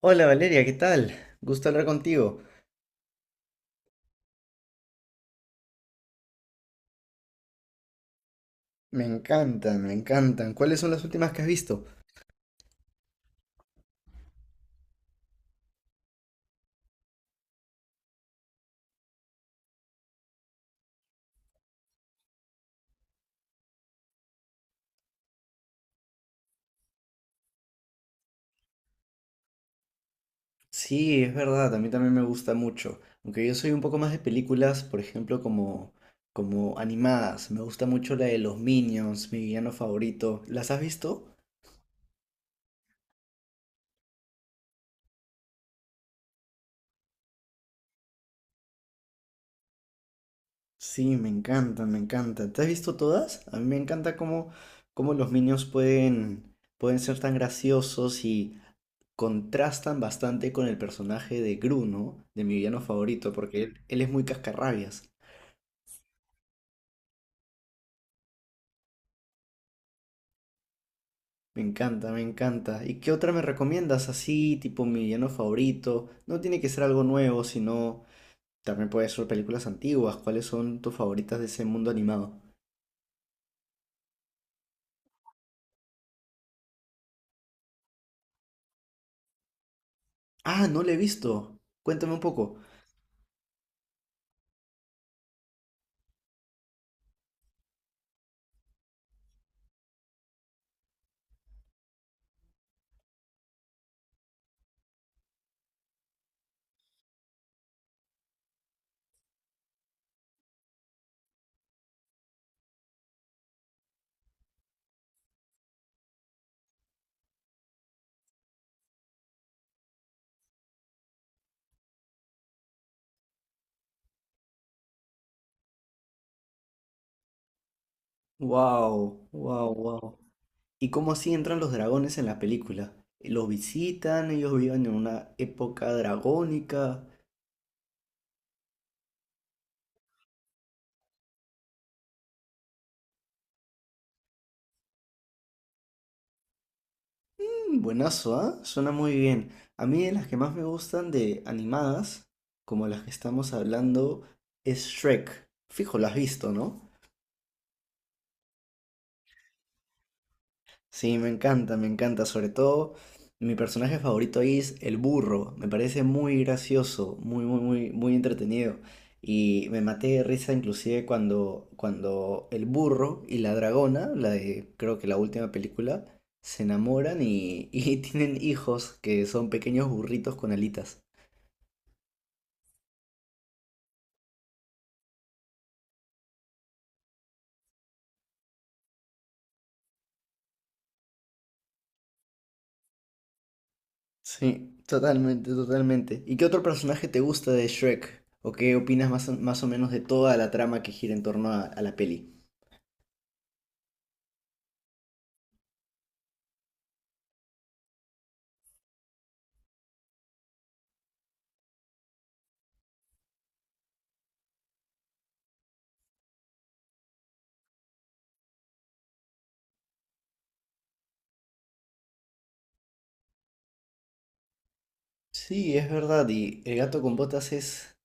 Hola Valeria, ¿qué tal? Gusto hablar contigo. Me encantan, me encantan. ¿Cuáles son las últimas que has visto? Sí, es verdad, a mí también me gusta mucho. Aunque yo soy un poco más de películas, por ejemplo, como animadas. Me gusta mucho la de los Minions, mi villano favorito. ¿Las has visto? Sí, me encantan, me encantan. ¿Te has visto todas? A mí me encanta cómo los Minions pueden ser tan graciosos y contrastan bastante con el personaje de Bruno, de mi villano favorito, porque él es muy cascarrabias. Me encanta, me encanta. ¿Y qué otra me recomiendas así, tipo mi villano favorito? No tiene que ser algo nuevo, sino también puede ser películas antiguas. ¿Cuáles son tus favoritas de ese mundo animado? Ah, no le he visto. Cuéntame un poco. Wow, wow, wow. ¿Y cómo así entran los dragones en la película? ¿Los visitan? ¿Ellos viven en una época dragónica? Buenazo, ¿ah? Suena muy bien. A mí de las que más me gustan de animadas, como las que estamos hablando, es Shrek. Fijo, lo has visto, ¿no? Sí, me encanta, me encanta. Sobre todo, mi personaje favorito ahí es el burro. Me parece muy gracioso, muy, muy, muy, muy entretenido. Y me maté de risa inclusive cuando el burro y la dragona, la de creo que la última película, se enamoran y tienen hijos que son pequeños burritos con alitas. Sí, totalmente, totalmente. ¿Y qué otro personaje te gusta de Shrek? ¿O qué opinas más o menos de toda la trama que gira en torno a la peli? Sí, es verdad, y el gato con botas es,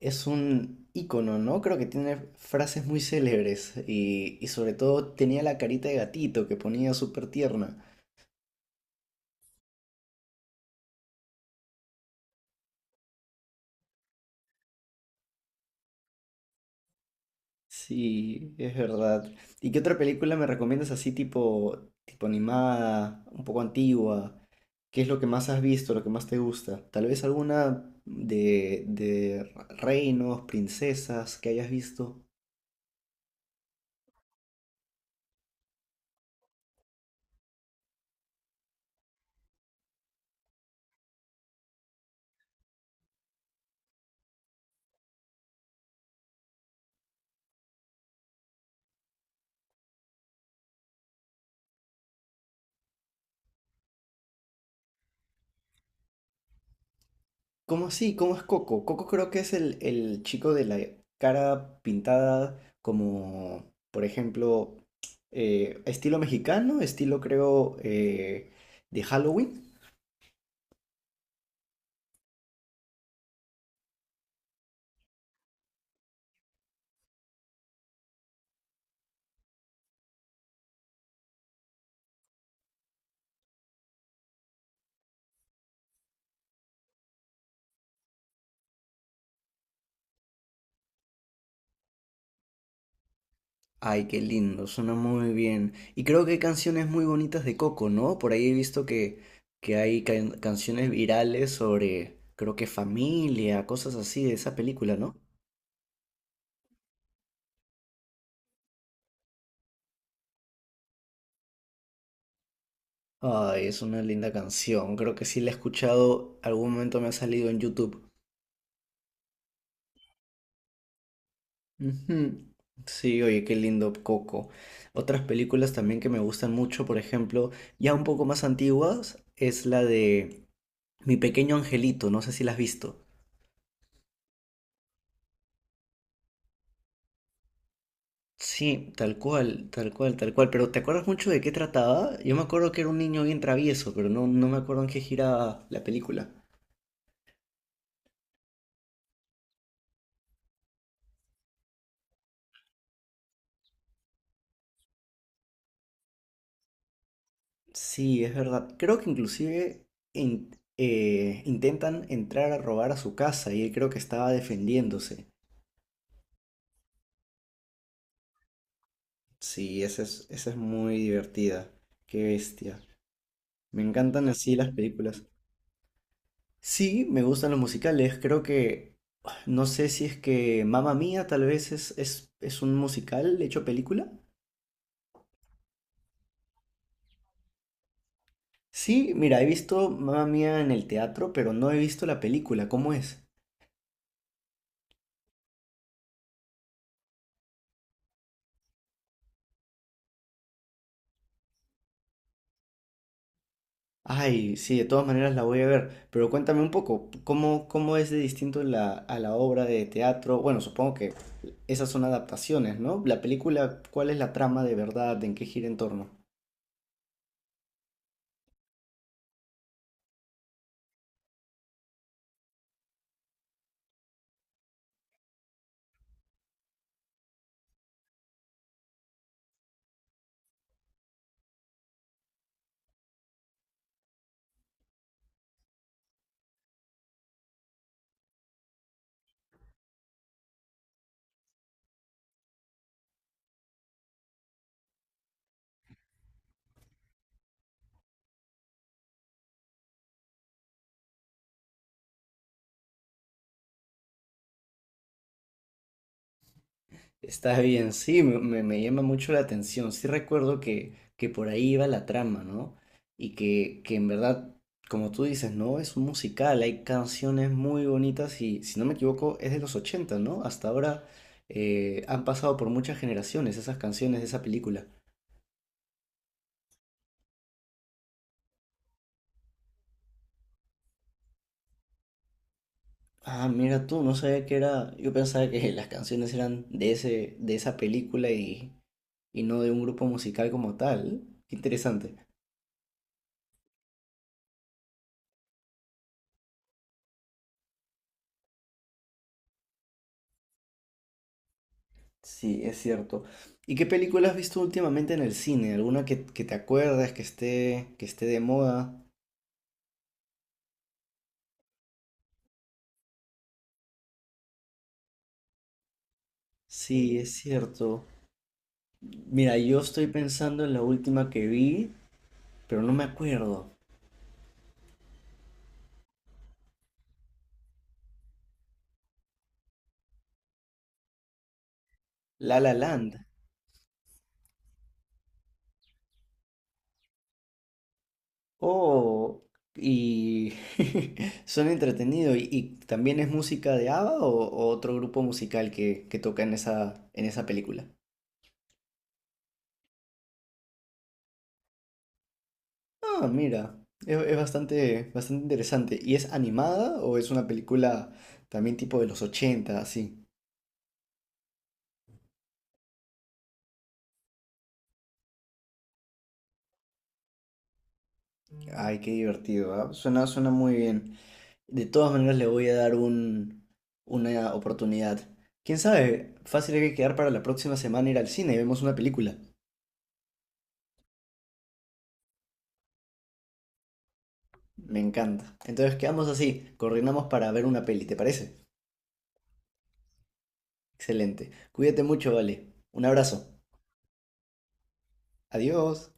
es un ícono, ¿no? Creo que tiene frases muy célebres y sobre todo tenía la carita de gatito que ponía súper tierna. Sí, es verdad. ¿Y qué otra película me recomiendas así tipo animada, un poco antigua? ¿Qué es lo que más has visto, lo que más te gusta? Tal vez alguna de reinos, princesas que hayas visto. ¿Cómo así? ¿Cómo es Coco? Coco creo que es el chico de la cara pintada como, por ejemplo, estilo mexicano, estilo creo de Halloween. Ay, qué lindo, suena muy bien. Y creo que hay canciones muy bonitas de Coco, ¿no? Por ahí he visto que hay canciones virales sobre, creo que familia, cosas así de esa película, ¿no? Ay, es una linda canción. Creo que sí la he escuchado, algún momento me ha salido en YouTube. Ujú. Sí, oye, qué lindo Coco. Otras películas también que me gustan mucho, por ejemplo, ya un poco más antiguas, es la de Mi Pequeño Angelito, no sé si la has visto. Sí, tal cual, tal cual, tal cual. Pero ¿te acuerdas mucho de qué trataba? Yo me acuerdo que era un niño bien travieso, pero no, no me acuerdo en qué giraba la película. Sí, es verdad. Creo que inclusive in- intentan entrar a robar a su casa y él creo que estaba defendiéndose. Sí, esa es muy divertida. Qué bestia. Me encantan así las películas. Sí, me gustan los musicales. Creo que, no sé si es que Mamma Mía tal vez es un musical hecho película. Sí, mira, he visto Mamma Mía en el teatro, pero no he visto la película. ¿Cómo es? Ay, sí, de todas maneras la voy a ver. Pero cuéntame un poco, ¿cómo es de distinto a la obra de teatro? Bueno, supongo que esas son adaptaciones, ¿no? La película, ¿cuál es la trama de verdad? ¿En qué gira en torno? Está bien, sí, me llama mucho la atención. Sí recuerdo que por ahí iba la trama, ¿no? Y que en verdad, como tú dices, ¿no? Es un musical, hay canciones muy bonitas y, si no me equivoco, es de los 80, ¿no? Hasta ahora han pasado por muchas generaciones esas canciones de esa película. Ah, mira tú, no sabía que era. Yo pensaba que las canciones eran de esa película y no de un grupo musical como tal. Qué interesante. Sí, es cierto. ¿Y qué película has visto últimamente en el cine? ¿Alguna que te acuerdas que esté de moda? Sí, es cierto. Mira, yo estoy pensando en la última que vi, pero no me acuerdo. La La Land. Oh, y suena entretenido. ¿Y también es música de ABBA o otro grupo musical que toca en esa película? Ah, mira, es bastante, bastante interesante. ¿Y es animada o es una película también tipo de los ochenta así? Ay, qué divertido, ¿ah? Suena muy bien. De todas maneras le voy a dar una oportunidad. ¿Quién sabe? Fácil hay que quedar para la próxima semana ir al cine y vemos una película. Me encanta. Entonces quedamos así, coordinamos para ver una peli, ¿te parece? Excelente. Cuídate mucho, vale. Un abrazo. Adiós.